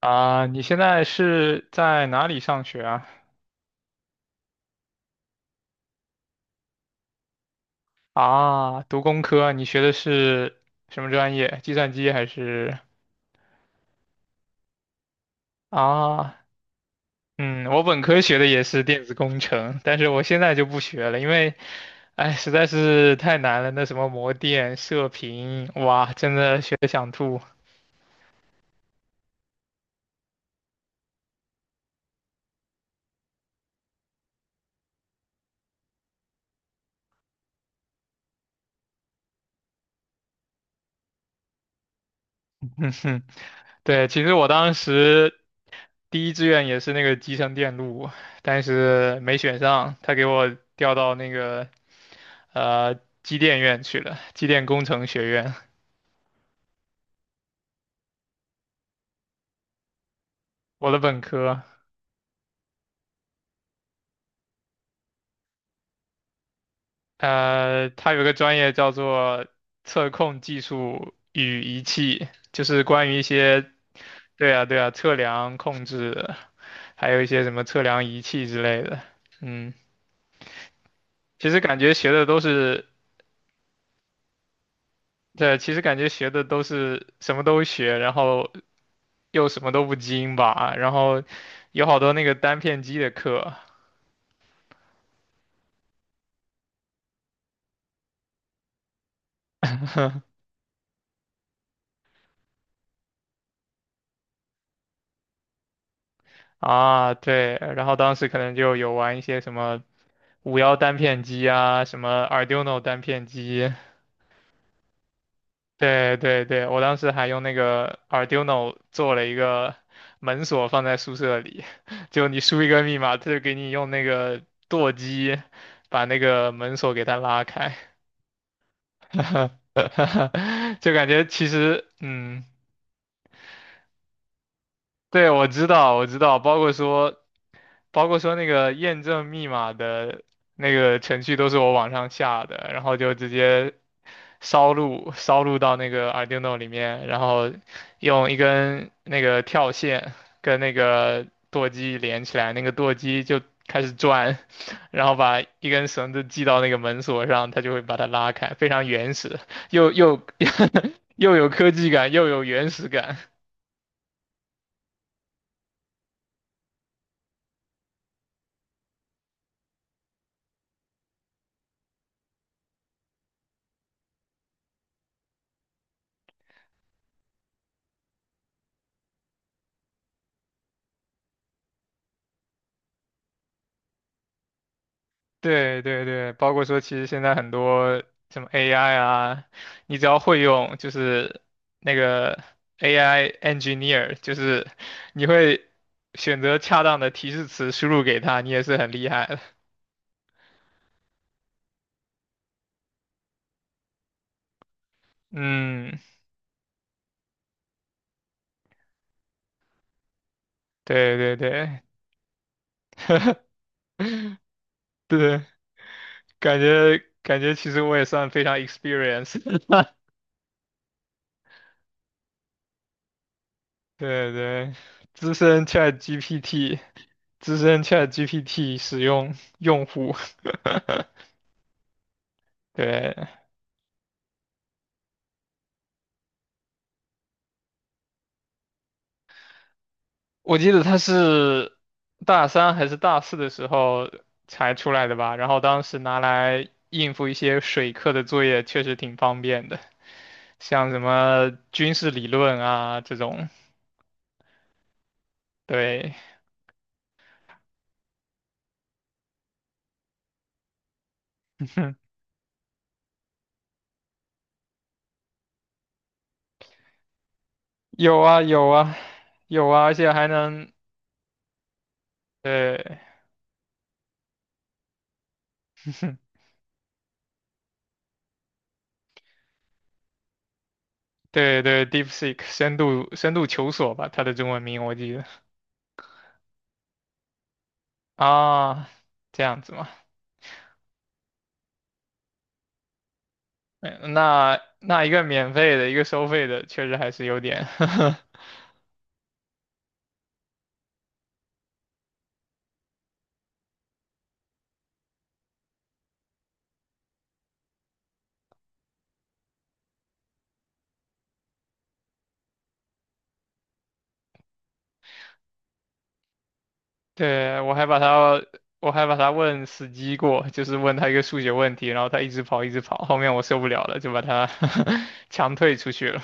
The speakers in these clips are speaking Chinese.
啊，你现在是在哪里上学啊？啊，读工科，你学的是什么专业？计算机还是啊？嗯，我本科学的也是电子工程，但是我现在就不学了，因为，哎，实在是太难了，那什么模电、射频，哇，真的学的想吐。嗯哼，对，其实我当时第一志愿也是那个集成电路，但是没选上，他给我调到那个呃机电院去了，机电工程学院，我的本科，它有个专业叫做测控技术与仪器，就是关于一些，对啊对啊，测量控制，还有一些什么测量仪器之类的，嗯，其实感觉学的都是。对，其实感觉学的都是什么都学，然后又什么都不精吧，然后有好多那个单片机的课啊，对，然后当时可能就有玩一些什么五幺单片机啊，什么 Arduino 单片机，对对对，我当时还用那个 Arduino 做了一个门锁放在宿舍里，就你输一个密码，他就给你用那个舵机把那个门锁给它拉开。就感觉其实，嗯，对，我知道，我知道，包括说，包括说那个验证密码的那个程序都是我网上下的，然后就直接烧录到那个 Arduino 里面，然后用一根那个跳线跟那个舵机连起来，那个舵机就开始转，然后把一根绳子系到那个门锁上，它就会把它拉开，非常原始，又 又有科技感，又有原始感。对对对，包括说，其实现在很多什么 AI 啊，你只要会用，就是那个 AI engineer，就是你会选择恰当的提示词输入给他，你也是很厉害的。嗯，对对对，对，感觉其实我也算非常 experience，对对，资深 ChatGPT，资深 ChatGPT 使用用户，对。我记得他是大三还是大四的时候才出来的吧，然后当时拿来应付一些水课的作业，确实挺方便的，像什么军事理论啊这种，对 有啊有啊有啊，而且还能，对 对对，DeepSeek 深度求索吧，它的中文名我记得啊，这样子嘛，嗯那那一个免费的，一个收费的，确实还是有点 对，我还把他问死机过，就是问他一个数学问题，然后他一直跑，一直跑，后面我受不了了，就把他 强退出去了。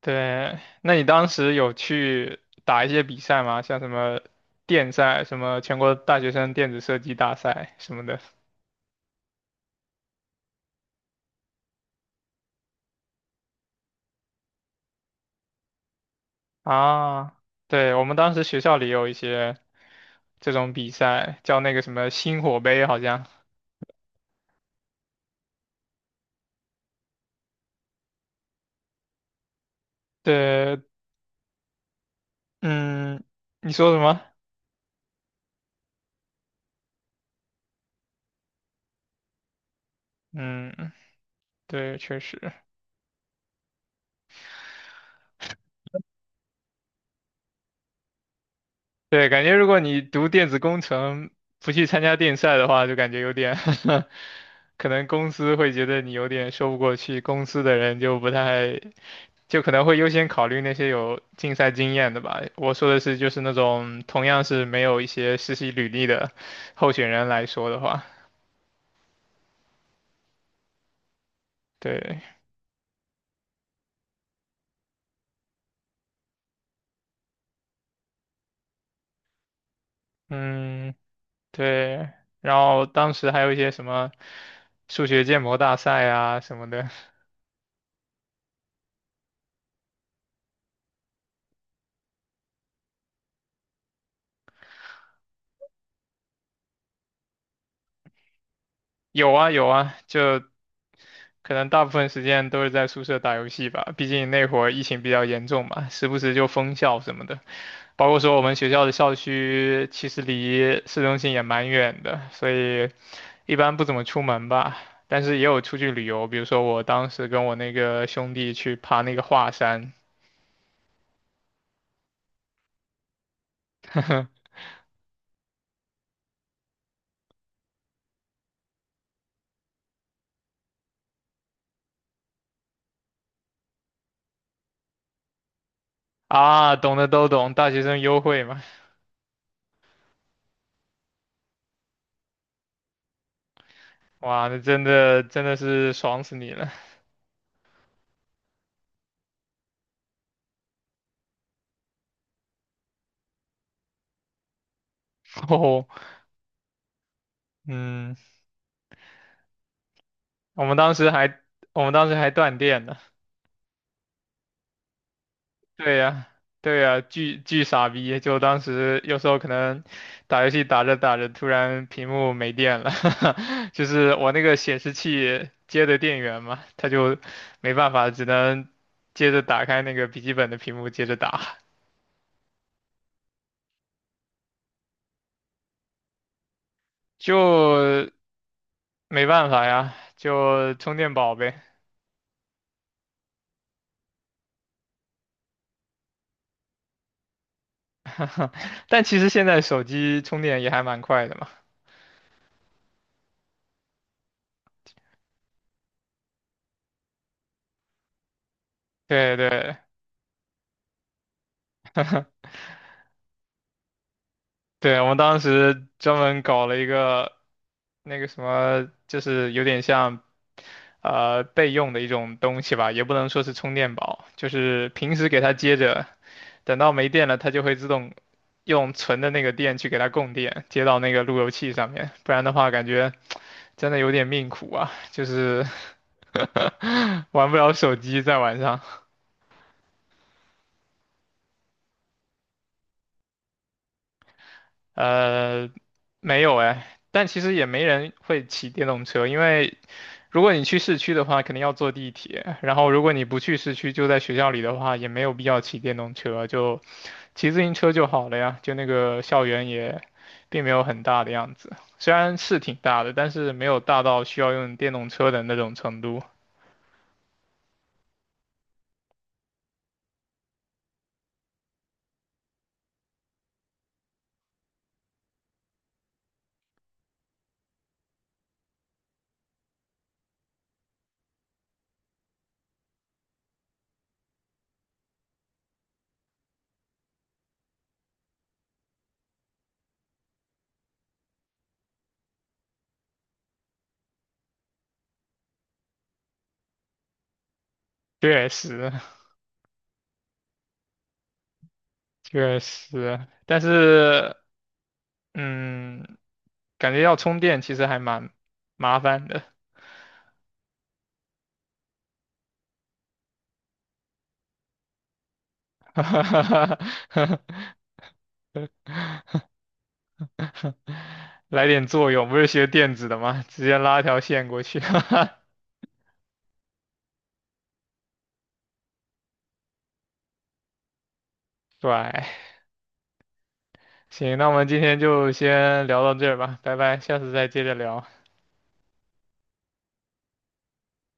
对，那你当时有去打一些比赛吗？像什么电赛、什么全国大学生电子设计大赛什么的啊？对，我们当时学校里有一些这种比赛，叫那个什么星火杯，好像。对，嗯，你说什么？嗯，对，确实。对，感觉如果你读电子工程不去参加电赛的话，就感觉有点 可能公司会觉得你有点说不过去，公司的人就不太，就可能会优先考虑那些有竞赛经验的吧。我说的是，就是那种同样是没有一些实习履历的候选人来说的话，对，嗯，对。然后当时还有一些什么数学建模大赛啊什么的，有啊有啊，就可能大部分时间都是在宿舍打游戏吧，毕竟那会儿疫情比较严重嘛，时不时就封校什么的。包括说我们学校的校区其实离市中心也蛮远的，所以一般不怎么出门吧。但是也有出去旅游，比如说我当时跟我那个兄弟去爬那个华山 啊，懂的都懂，大学生优惠嘛，哇，那真的真的是爽死你了。哦，嗯，我们当时还我们当时还断电呢。对呀，对呀，巨巨傻逼！就当时有时候可能打游戏打着打着，突然屏幕没电了，就是我那个显示器接的电源嘛，它就没办法，只能接着打开那个笔记本的屏幕接着打，就没办法呀，就充电宝呗。但其实现在手机充电也还蛮快的嘛。对对，对，我们当时专门搞了一个那个什么，就是有点像备用的一种东西吧，也不能说是充电宝，就是平时给它接着，等到没电了，它就会自动用存的那个电去给它供电，接到那个路由器上面，不然的话感觉真的有点命苦啊，就是 玩不了手机在晚上。呃，没有哎，但其实也没人会骑电动车，因为。如果你去市区的话，肯定要坐地铁。然后，如果你不去市区，就在学校里的话，也没有必要骑电动车，就骑自行车就好了呀。就那个校园也并没有很大的样子，虽然是挺大的，但是没有大到需要用电动车的那种程度。确实，确实，但是，嗯，感觉要充电其实还蛮麻烦的。来点作用，不是学电子的吗？直接拉条线过去。对，行，那我们今天就先聊到这儿吧，拜拜，下次再接着聊。